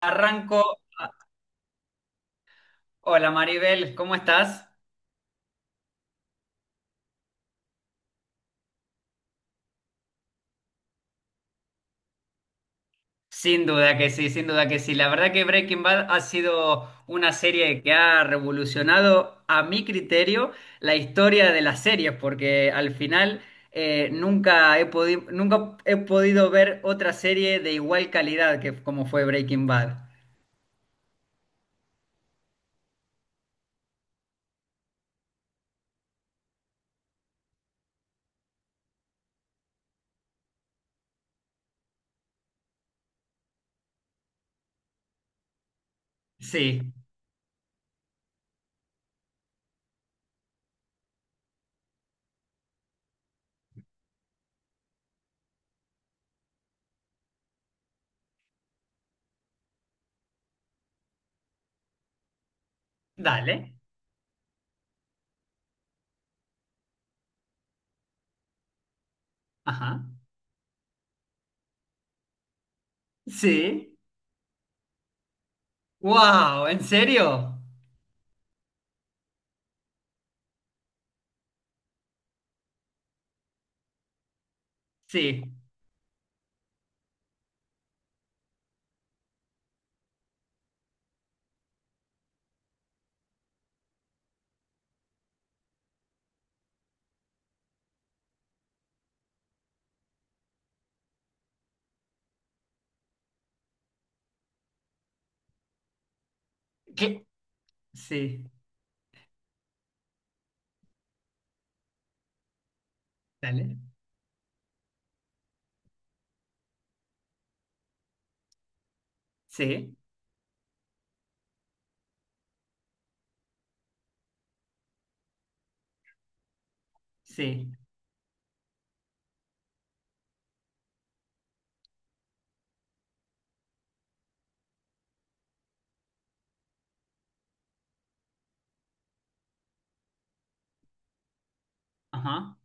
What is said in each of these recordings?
Arranco. Hola Maribel, ¿cómo estás? Sin duda que sí, sin duda que sí. La verdad que Breaking Bad ha sido una serie que ha revolucionado, a mi criterio, la historia de las series, porque al final nunca he podido, nunca he podido ver otra serie de igual calidad que como fue Breaking Bad. Sí, dale. Ajá. Sí. Wow, ¿en serio? Sí. ¿Qué? Sí. Dale. Sí. Sí. Ajá.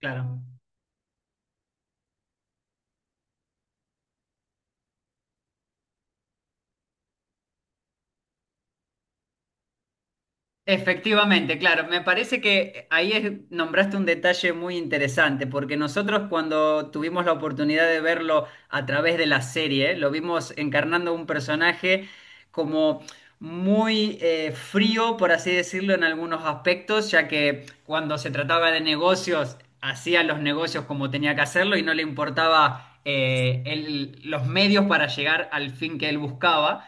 Claro. Efectivamente, claro. Me parece que ahí nombraste un detalle muy interesante, porque nosotros cuando tuvimos la oportunidad de verlo a través de la serie, lo vimos encarnando un personaje como muy frío, por así decirlo, en algunos aspectos, ya que cuando se trataba de negocios, hacía los negocios como tenía que hacerlo y no le importaba los medios para llegar al fin que él buscaba.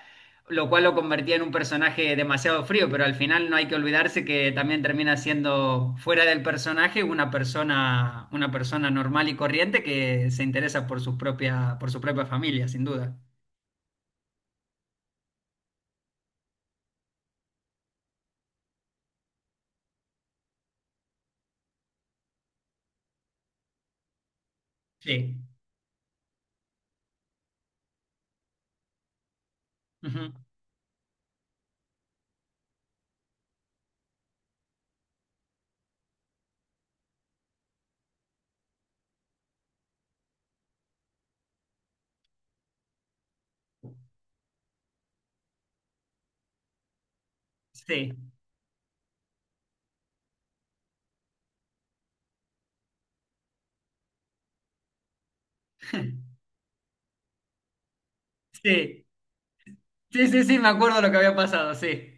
Lo cual lo convertía en un personaje demasiado frío, pero al final no hay que olvidarse que también termina siendo fuera del personaje una persona normal y corriente que se interesa por su propia familia, sin duda. Sí. Ujú. Sí, sí. Sí, sí, sí, me acuerdo lo que había pasado, sí.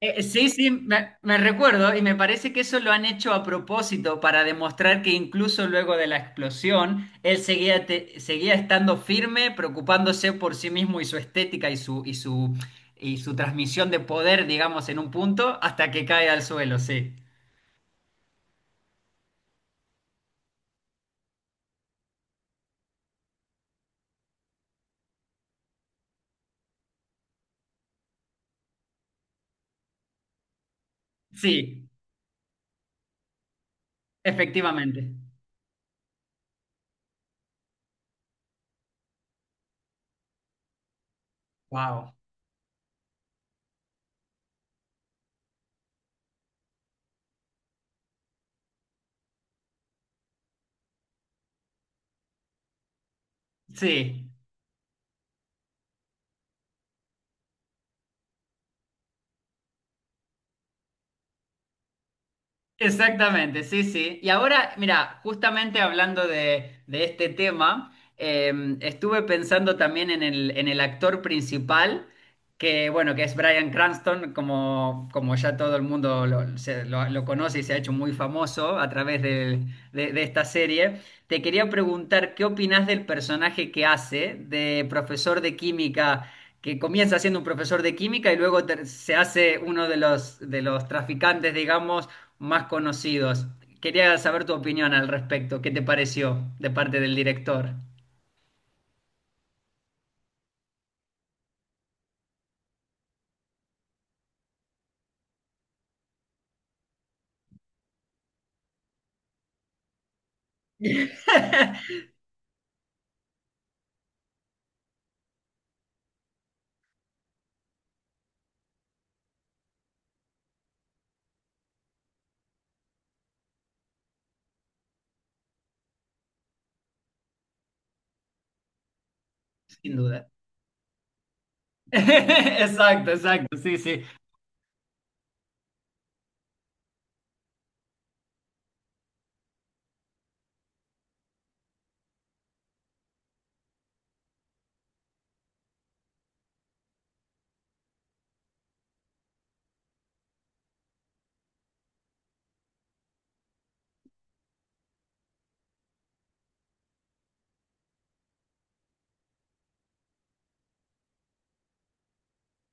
Sí, sí, me recuerdo y me parece que eso lo han hecho a propósito para demostrar que incluso luego de la explosión, él seguía, seguía estando firme, preocupándose por sí mismo y su estética y su transmisión de poder, digamos, en un punto, hasta que cae al suelo, sí. Sí, efectivamente. Wow. Sí. Exactamente, sí, sí. Y ahora, mira, justamente hablando de este tema, estuve pensando también en en el actor principal, que bueno, que es Bryan Cranston, como ya todo el mundo lo conoce y se ha hecho muy famoso a través de esta serie. Te quería preguntar, ¿qué opinás del personaje que hace de profesor de química? Que comienza siendo un profesor de química y luego se hace uno de de los traficantes, digamos, más conocidos. Quería saber tu opinión al respecto. ¿Qué te pareció de parte del director? Sin duda. Exacto, exacto, sí, sí,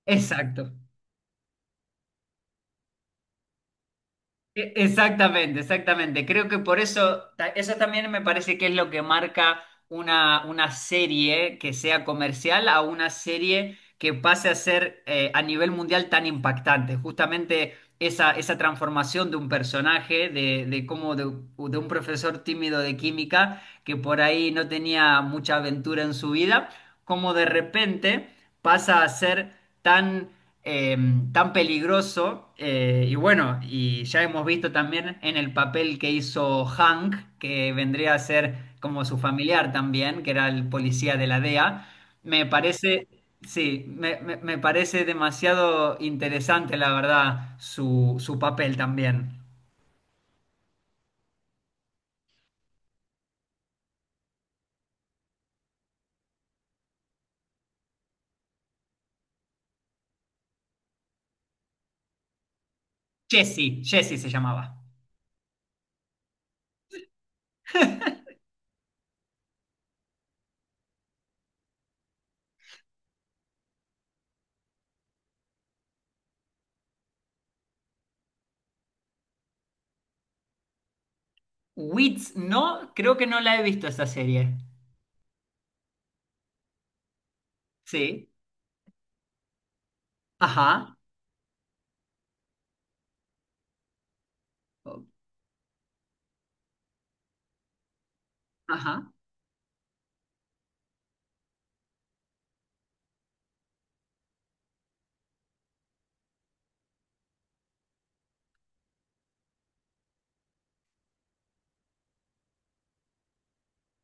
exacto. Exactamente, exactamente. Creo que por eso, eso también me parece que es lo que marca una serie que sea comercial a una serie que pase a ser a nivel mundial tan impactante. Justamente esa transformación de un personaje, de un profesor tímido de química que por ahí no tenía mucha aventura en su vida, como de repente pasa a ser tan eh, tan peligroso. Y bueno, y ya hemos visto también en el papel que hizo Hank, que vendría a ser como su familiar también, que era el policía de la DEA. Me parece, sí, me- me parece demasiado interesante, la verdad, su papel también. Jesse, Jesse se llamaba. Wits, no, creo que no la he visto esta serie. Sí, ajá, ajá,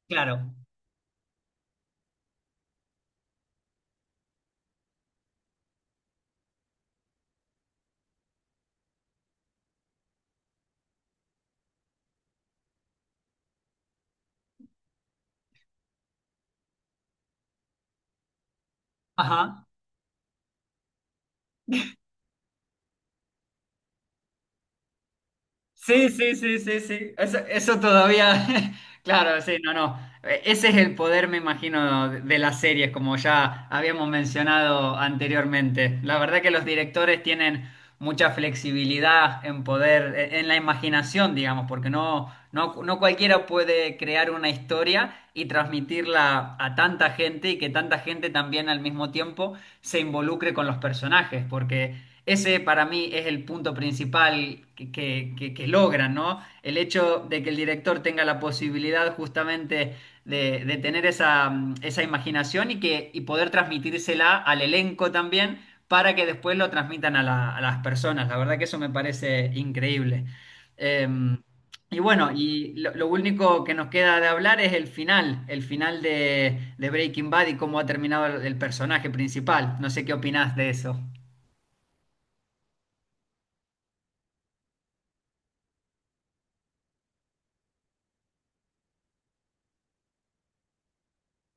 claro, ajá. Sí, sí, sí, sí, sí. Eso todavía, claro, sí, no, no. Ese es el poder, me imagino, de las series, como ya habíamos mencionado anteriormente. La verdad que los directores tienen mucha flexibilidad en poder, en la imaginación, digamos, porque no, no, no cualquiera puede crear una historia y transmitirla a tanta gente y que tanta gente también al mismo tiempo se involucre con los personajes, porque ese para mí es el punto principal que logran, ¿no? El hecho de que el director tenga la posibilidad justamente de tener esa, esa imaginación y poder transmitírsela al elenco también para que después lo transmitan a las personas. La verdad que eso me parece increíble. Eh, y bueno, lo único que nos queda de hablar es el final de Breaking Bad y cómo ha terminado el personaje principal. No sé qué opinás de eso.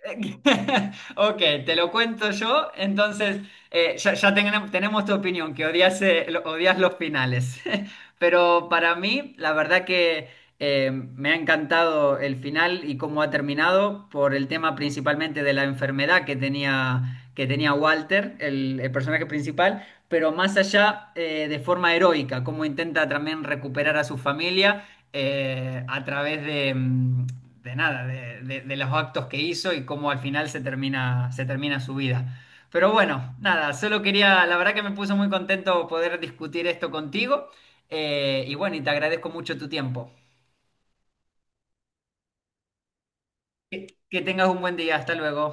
Ok, te lo cuento yo. Entonces, ya tenemos, tenemos tu opinión, que odias, odias los finales. Pero para mí, la verdad que me ha encantado el final y cómo ha terminado por el tema principalmente de la enfermedad que tenía Walter, el personaje principal, pero más allá de forma heroica, cómo intenta también recuperar a su familia a través de, mm, de nada, de los actos que hizo y cómo al final se termina su vida. Pero bueno, nada, solo quería, la verdad que me puso muy contento poder discutir esto contigo. Y bueno, y te agradezco mucho tu tiempo. Que tengas un buen día, hasta luego.